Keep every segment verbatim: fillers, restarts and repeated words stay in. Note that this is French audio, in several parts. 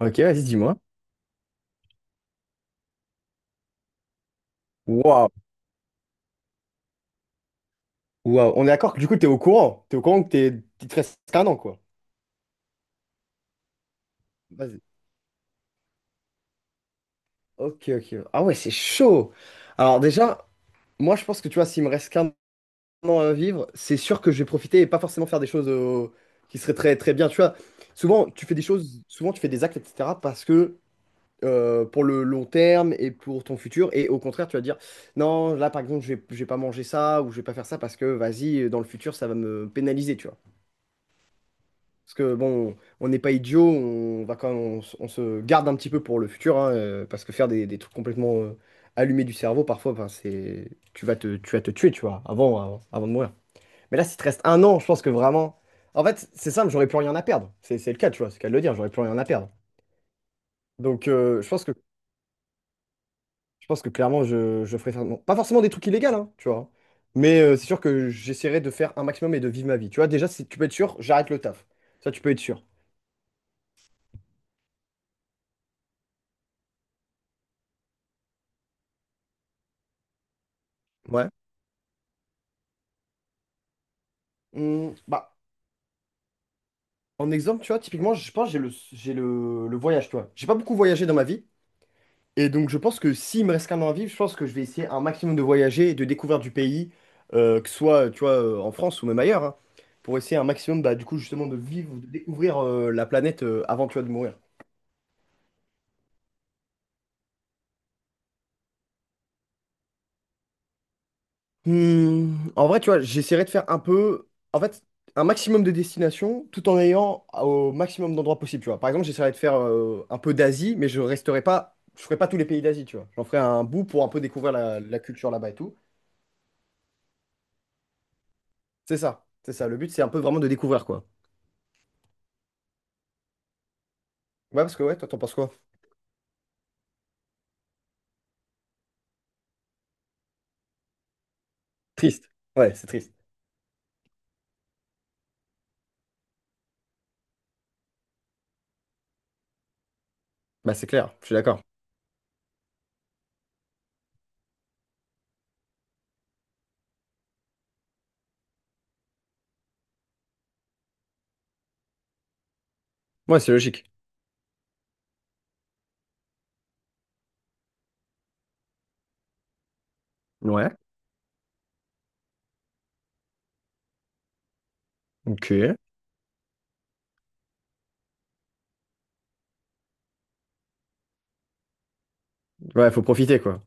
Ok, vas-y, dis-moi. Waouh, waouh. On est d'accord que du coup, t'es au courant. T'es au courant que t'es il te reste qu'un an, quoi. Vas-y. Ok, ok. Ah ouais, c'est chaud. Alors déjà, moi, je pense que tu vois, s'il me reste qu'un an à vivre, c'est sûr que je vais profiter et pas forcément faire des choses euh, qui seraient très, très bien. Tu vois, souvent, tu fais des choses, souvent, tu fais des actes, et cetera parce que euh, pour le long terme et pour ton futur. Et au contraire, tu vas dire, non, là, par exemple, je vais, je vais pas manger ça ou je vais pas faire ça parce que, vas-y, dans le futur, ça va me pénaliser, tu vois. Parce que bon, on n'est pas idiot, on va quand même- on, se on se garde un petit peu pour le futur, hein, euh, parce que faire des, des trucs complètement euh, allumés du cerveau, parfois, ben, c'est, tu vas te, tu vas te tuer, tu vois, avant, avant, avant de mourir. Mais là, si te reste un an, je pense que vraiment, en fait, c'est simple, j'aurais plus rien à perdre. C'est c'est le cas, tu vois, c'est le cas de le dire, j'aurais plus rien à perdre. Donc, euh, je pense que, je pense que clairement, je, je ferais certainement- pas forcément des trucs illégaux, hein, tu vois, mais euh, c'est sûr que j'essaierai de faire un maximum et de vivre ma vie. Tu vois, déjà, si tu peux être sûr, j'arrête le taf. Ça, tu peux être sûr. Ouais. Hum, bah, en exemple, tu vois, typiquement, je pense que j'ai le, j'ai le, le voyage, tu vois. J'ai pas beaucoup voyagé dans ma vie. Et donc, je pense que s'il me reste qu'un an à vivre, je pense que je vais essayer un maximum de voyager et de découvrir du pays, euh, que ce soit, tu vois, euh, en France ou même ailleurs, hein, pour essayer un maximum, bah, du coup, justement, de vivre, de découvrir euh, la planète euh, avant, tu vois, de mourir. Hmm, en vrai, tu vois, j'essaierai de faire un peu, en fait, un maximum de destinations tout en ayant au maximum d'endroits possibles, tu vois. Par exemple, j'essaierai de faire euh, un peu d'Asie, mais je resterai pas, je ferai pas tous les pays d'Asie, tu vois. J'en ferai un bout pour un peu découvrir la, la culture là-bas et tout. C'est ça, c'est ça. Le but, c'est un peu vraiment de découvrir, quoi. Ouais, parce que ouais, toi, t'en penses quoi? Triste. Ouais, c'est triste. Bah, c'est clair, je suis d'accord. Ouais, c'est logique. Ouais, ok. Ouais, faut profiter, quoi.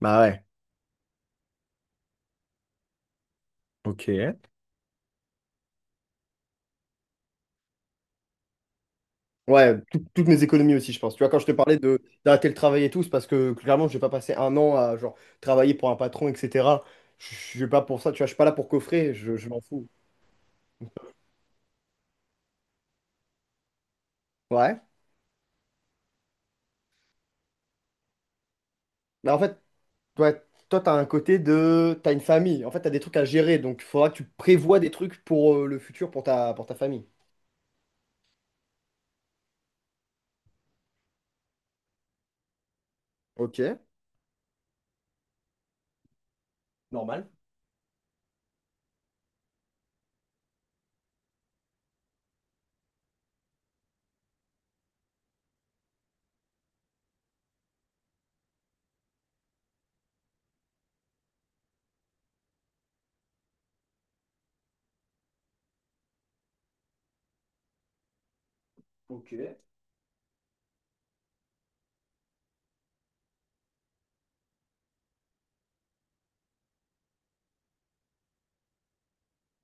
Bah ouais. Ok. Ouais, tout- toutes mes économies aussi, je pense. Tu vois, quand je te parlais de d'arrêter le travail et tout, c'est parce que clairement, je vais pas passer un an à genre travailler pour un patron, et cetera. Je je suis pas pour ça, tu vois, je suis pas là pour coffrer, je, je m'en fous. Ouais. Mais en fait, ouais, toi, t'as un côté de. T'as une famille. En fait, t'as des trucs à gérer. Donc, il faudra que tu prévois des trucs pour euh, le futur, pour ta, pour ta famille. Ok. Normal. Ok.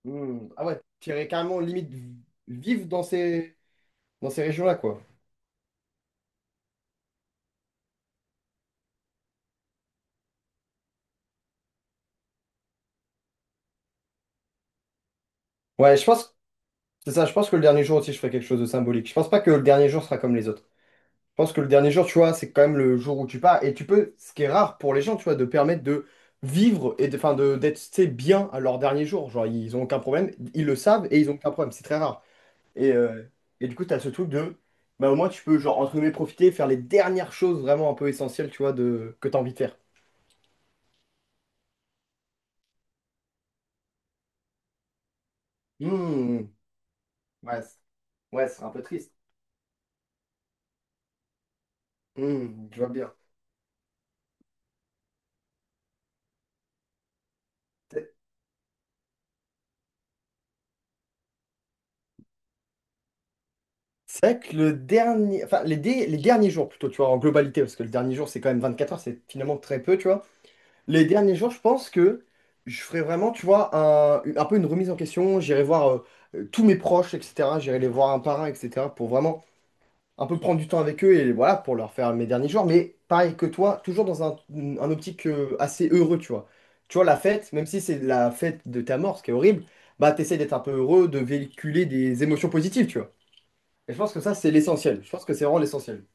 Hmm. Ah ouais, tu irais carrément limite vivre dans ces, dans ces régions-là, quoi. Ouais, je pense. C'est ça, je pense que le dernier jour aussi, je ferai quelque chose de symbolique. Je pense pas que le dernier jour sera comme les autres. Je pense que le dernier jour, tu vois, c'est quand même le jour où tu pars. Et tu peux, ce qui est rare pour les gens, tu vois, de permettre de vivre et de, enfin, de, d'être, tu sais, bien à leur dernier jour. Genre, ils ont aucun problème, ils le savent et ils ont aucun problème. C'est très rare. Et, euh, et du coup, t'as ce truc de, bah, au moins, tu peux, genre, entre guillemets, profiter, faire les dernières choses vraiment un peu essentielles, tu vois, de, que t'as envie de faire. Hmm, ouais, c'est- ouais, c'est un peu triste. Hmm, je vois bien. C'est vrai que le dernier, enfin les, dé- les derniers jours plutôt, tu vois, en globalité, parce que le dernier jour c'est quand même vingt-quatre heures, c'est finalement très peu, tu vois. Les derniers jours, je pense que je ferai vraiment, tu vois, un, un peu une remise en question. J'irai voir euh, euh, tous mes proches, et cetera. J'irai les voir un par un, et cetera pour vraiment un peu prendre du temps avec eux et voilà, pour leur faire mes derniers jours. Mais pareil que toi, toujours dans un, un optique euh, assez heureux, tu vois. Tu vois, la fête, même si c'est la fête de ta mort, ce qui est horrible, bah t'essayes d'être un peu heureux, de véhiculer des émotions positives, tu vois. Et je pense que ça, c'est l'essentiel. Je pense que c'est vraiment l'essentiel.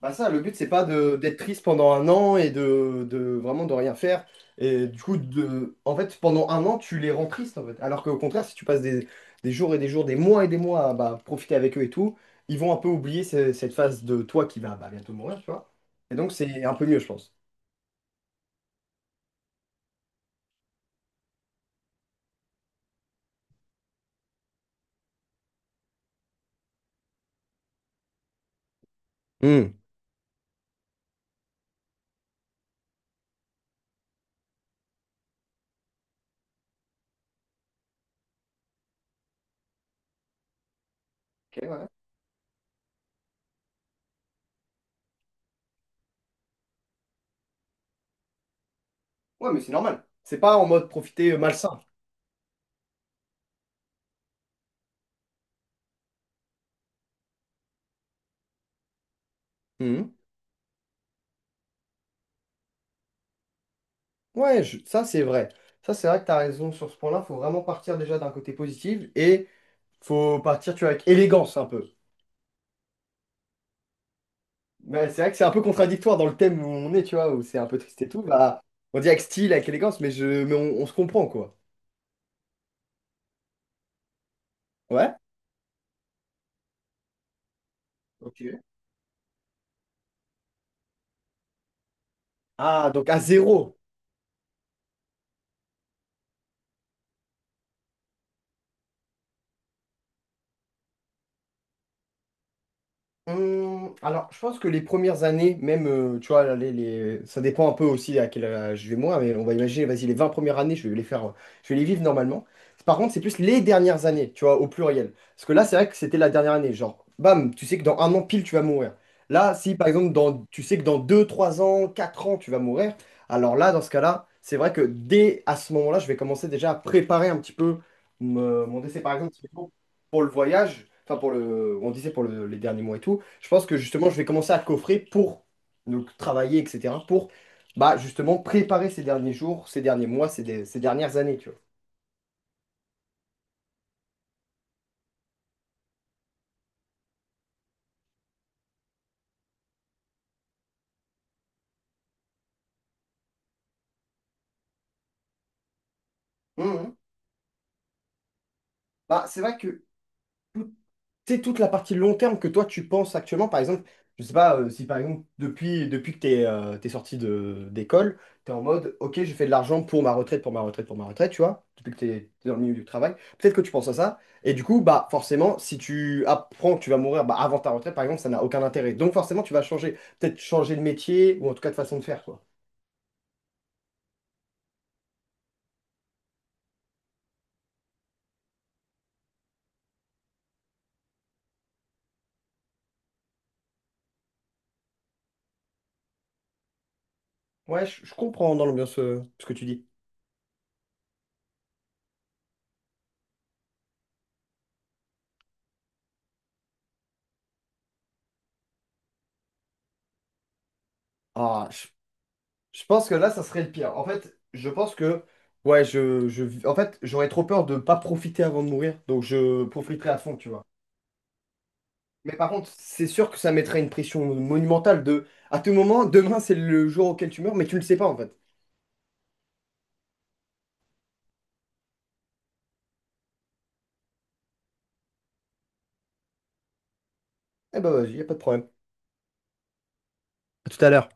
Bah ça, le but, c'est pas de d'être triste pendant un an et de, de vraiment de rien faire. Et du coup, de, en fait, pendant un an, tu les rends tristes, en fait. Alors qu'au contraire, si tu passes des, des jours et des jours, des mois et des mois à bah, profiter avec eux et tout, ils vont un peu oublier ce- cette phase de toi qui va bah, bientôt mourir, tu vois. Et donc, c'est un peu mieux, je pense. Hmm. Ok, ouais. Ouais, mais c'est normal. C'est pas en mode profiter euh, malsain. Mhm. Ouais, je- ça c'est vrai. Ça c'est vrai que t'as raison sur ce point-là. Faut vraiment partir déjà d'un côté positif et faut partir, tu vois, avec élégance un peu. Mais c'est vrai que c'est un peu contradictoire dans le thème où on est, tu vois, où c'est un peu triste et tout. Bah, on dit avec style, avec élégance, mais je, mais on, on se comprend, quoi. Ouais? Ok. Ah, donc à zéro. Hum, alors, je pense que les premières années, même, euh, tu vois, les, les- ça dépend un peu aussi à quel âge je vais moi, mais on va imaginer, vas-y, les vingt premières années, je vais les faire, euh, je vais les vivre normalement. Par contre, c'est plus les dernières années, tu vois, au pluriel. Parce que là, c'est vrai que c'était la dernière année. Genre, bam, tu sais que dans un an pile, tu vas mourir. Là, si par exemple, dans, tu sais que dans deux, trois ans, quatre ans, tu vas mourir, alors là, dans ce cas-là, c'est vrai que dès à ce moment-là, je vais commencer déjà à préparer un petit peu me- mon décès. Par exemple, pour le voyage, enfin, pour le, on disait pour le- les derniers mois et tout. Je pense que justement, je vais commencer à coffrer pour donc, travailler, et cetera. Pour bah, justement préparer ces derniers jours, ces derniers mois, ces, dé- ces dernières années, tu vois. Mhm. Bah, c'est vrai que tu sais, toute la partie long terme que toi tu penses actuellement, par exemple, je sais pas euh, si par exemple depuis, depuis que t'es euh, t'es sorti de d'école, t'es en mode ok, j'ai fait de l'argent pour ma retraite, pour ma retraite, pour ma retraite, tu vois, depuis que t'es t'es dans le milieu du travail, peut-être que tu penses à ça, et du coup, bah forcément, si tu apprends que tu vas mourir bah, avant ta retraite, par exemple, ça n'a aucun intérêt. Donc forcément, tu vas changer, peut-être changer de métier, ou en tout cas de façon de faire, quoi. Ouais, je je comprends dans l'ambiance euh, ce que tu dis. Ah, je- je pense que là, ça serait le pire. En fait, je pense que, ouais, je, je, en fait, j'aurais trop peur de ne pas profiter avant de mourir, donc je profiterai à fond, tu vois. Mais par contre, c'est sûr que ça mettrait une pression monumentale de, à tout moment, demain, c'est le jour auquel tu meurs, mais tu le sais pas, en fait. Eh ben, vas-y, y a pas de problème. À tout à l'heure.